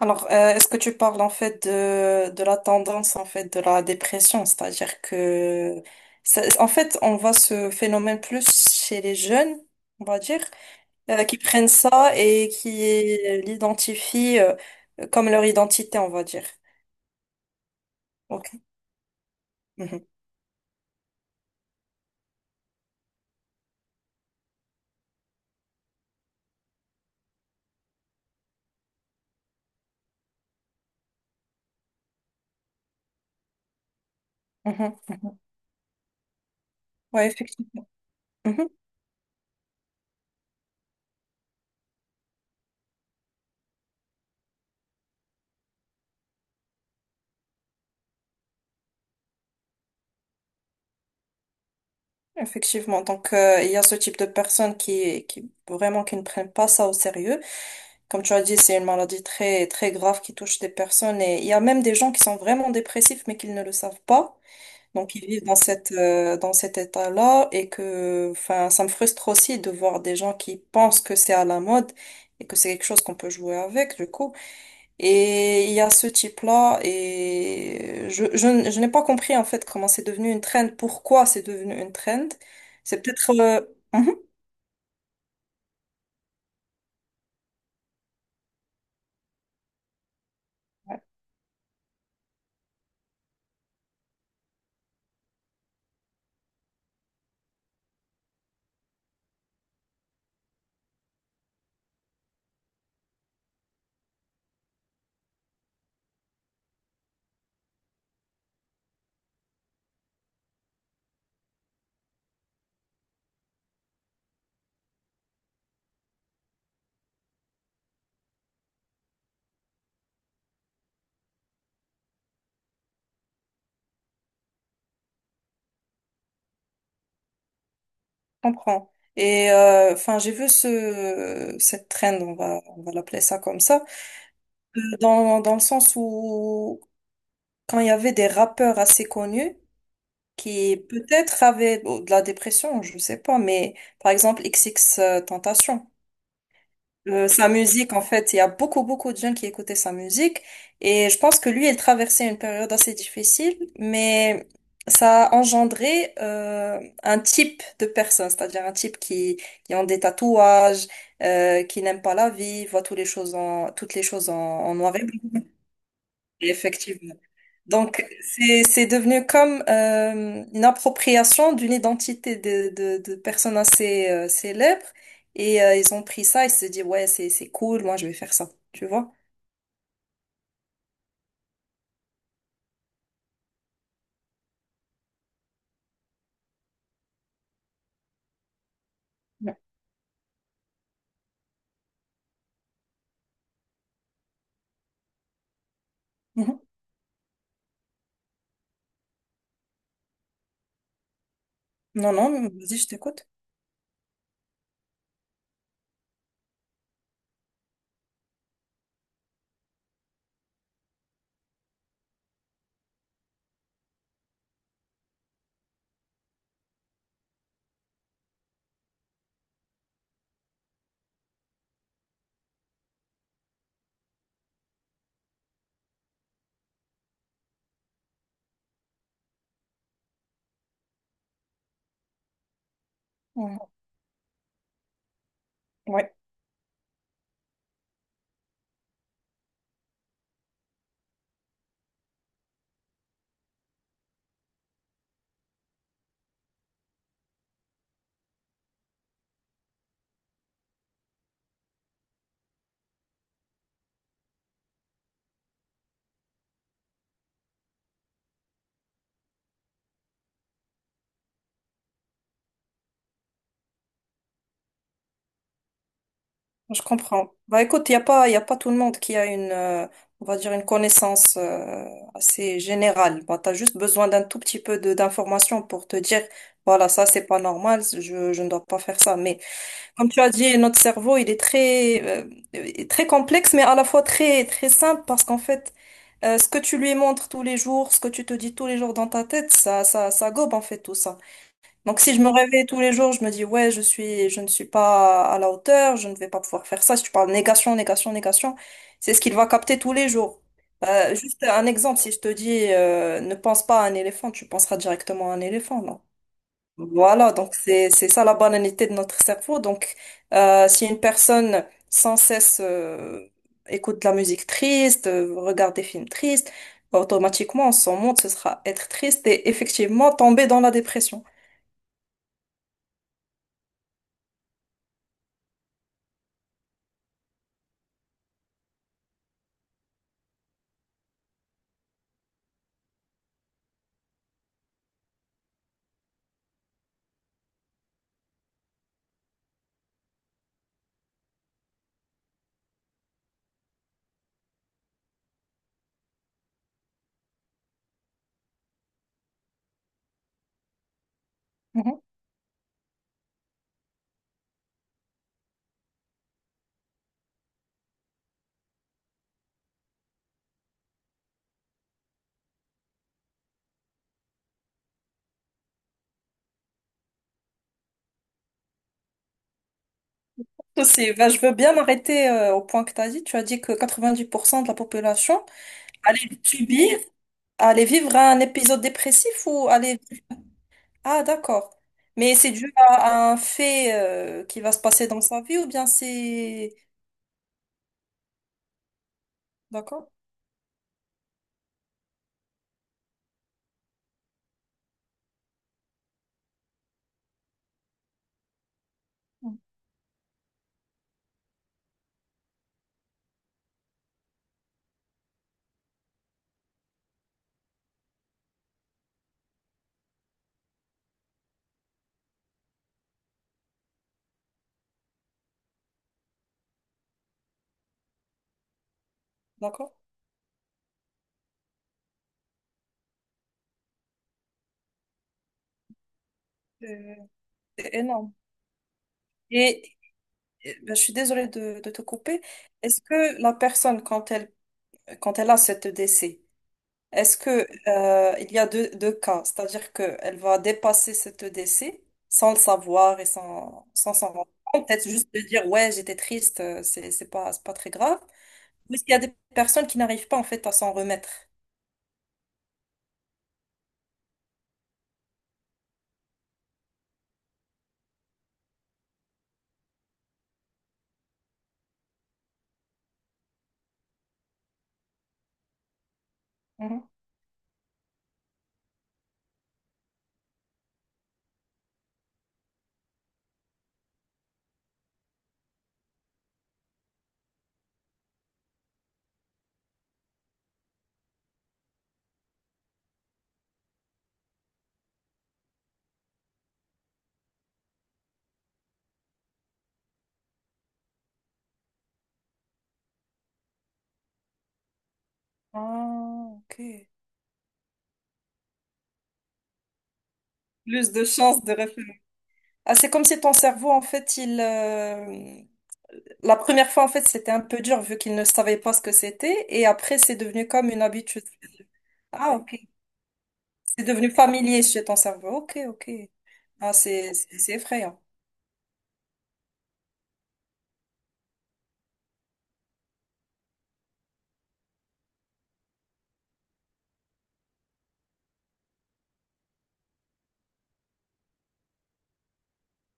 Est-ce que tu parles en fait de la tendance en fait de la dépression, c'est-à-dire que en fait on voit ce phénomène plus chez les jeunes, on va dire, qui prennent ça et qui l'identifient comme leur identité, on va dire. Ok. Mhm. Mhm. Ouais, effectivement. Mhm. Effectivement. Donc il y a ce type de personnes qui vraiment qui ne prennent pas ça au sérieux. Comme tu as dit, c'est une maladie très, très grave qui touche des personnes et il y a même des gens qui sont vraiment dépressifs mais qu'ils ne le savent pas. Donc, ils vivent dans dans cet état-là et que, enfin, ça me frustre aussi de voir des gens qui pensent que c'est à la mode et que c'est quelque chose qu'on peut jouer avec, du coup. Et il y a ce type-là et je n'ai pas compris, en fait, comment c'est devenu une trend, pourquoi c'est devenu une trend. C'est peut-être, mhm. Comprends. Et enfin, j'ai vu ce cette trend, on va l'appeler ça comme ça, dans le sens où quand il y avait des rappeurs assez connus qui peut-être avaient bon, de la dépression, je sais pas, mais par exemple XX Tentation. Sa musique, en fait, il y a beaucoup, beaucoup de jeunes qui écoutaient sa musique. Et je pense que lui, il traversait une période assez difficile, mais ça a engendré un type de personne, c'est-à-dire un type qui ont des tatouages, qui n'aime pas la vie, voit toutes les choses en, toutes les choses en noir et blanc. Effectivement. Donc, c'est devenu comme une appropriation d'une identité de personnes assez célèbres. Et ils ont pris ça et se dit, ouais, c'est cool, moi, je vais faire ça. Tu vois? Ouais. Mhm. Non, non, mais vas-y, je t'écoute. Mhm. Ouais, je comprends. Bah, écoute, il a pas tout le monde qui a une, on va dire, une connaissance assez générale. Bah, tu as juste besoin d'un tout petit peu de d'informations pour te dire, voilà, ça, c'est pas normal, je ne dois pas faire ça. Mais comme tu as dit, notre cerveau, il est très, très complexe, mais à la fois très, très simple parce qu'en fait, ce que tu lui montres tous les jours, ce que tu te dis tous les jours dans ta tête, ça gobe en fait tout ça. Donc si je me réveille tous les jours, je me dis, ouais, je ne suis pas à la hauteur, je ne vais pas pouvoir faire ça. Si tu parles négation, négation, négation, c'est ce qu'il va capter tous les jours. Juste un exemple, si je te dis, ne pense pas à un éléphant, tu penseras directement à un éléphant, non? Voilà, donc c'est ça la banalité de notre cerveau. Donc, si une personne sans cesse écoute de la musique triste, regarde des films tristes, automatiquement son monde ce sera être triste et effectivement tomber dans la dépression. Mhm. C'est, ben, je veux bien m'arrêter au point que tu as dit. Tu as dit que 90% de la population allait subir, allait vivre un épisode dépressif ou allait... Ah, d'accord. Mais c'est dû à un fait qui va se passer dans sa vie ou bien c'est... D'accord? Mm. D'accord? Euh, c'est énorme. Et ben, je suis désolée de te couper. Est-ce que la personne, quand elle a cette décès, est-ce que, il y a deux cas, c'est-à-dire qu'elle va dépasser cette décès sans le savoir et sans s'en rendre compte, peut-être juste de dire, ouais, j'étais triste, c'est pas très grave. Ou est-ce qu'il y a des personnes qui n'arrivent pas, en fait, à s'en remettre? Mhm. Ah, ok. Plus de chances de réfléchir. Ah, c'est comme si ton cerveau, en fait, il, la première fois, en fait, c'était un peu dur vu qu'ils ne savaient pas ce que c'était. Et après, c'est devenu comme une habitude. Ah, ok. C'est devenu familier chez ton cerveau. Ok, ok. Ah, c'est effrayant.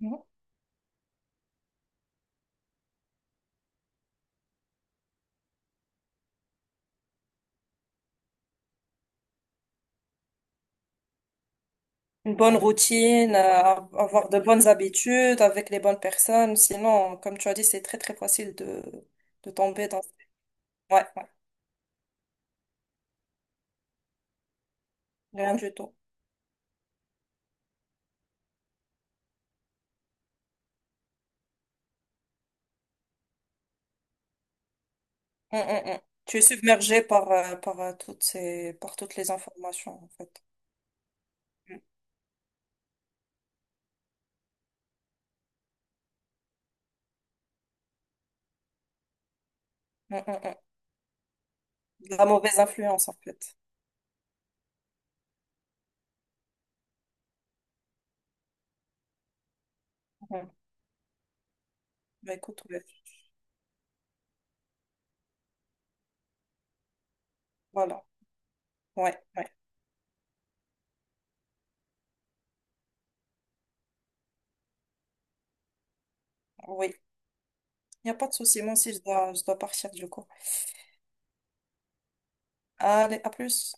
Mhm. Une bonne routine, avoir de bonnes habitudes avec les bonnes personnes. Sinon, comme tu as dit, c'est très, très facile de tomber dans... Ouais, ouais. Rien du tout. Mm, mm, mm. Tu es submergé par, par, toutes ces, par toutes les informations, en fait. Mm, mm, mm. De la mauvaise influence, en fait. Mhm. Bah, écoute, ouais. Voilà. Ouais, ouais, oui. Il n'y a pas de souci. Moi aussi, je dois partir du coup. Allez, à plus.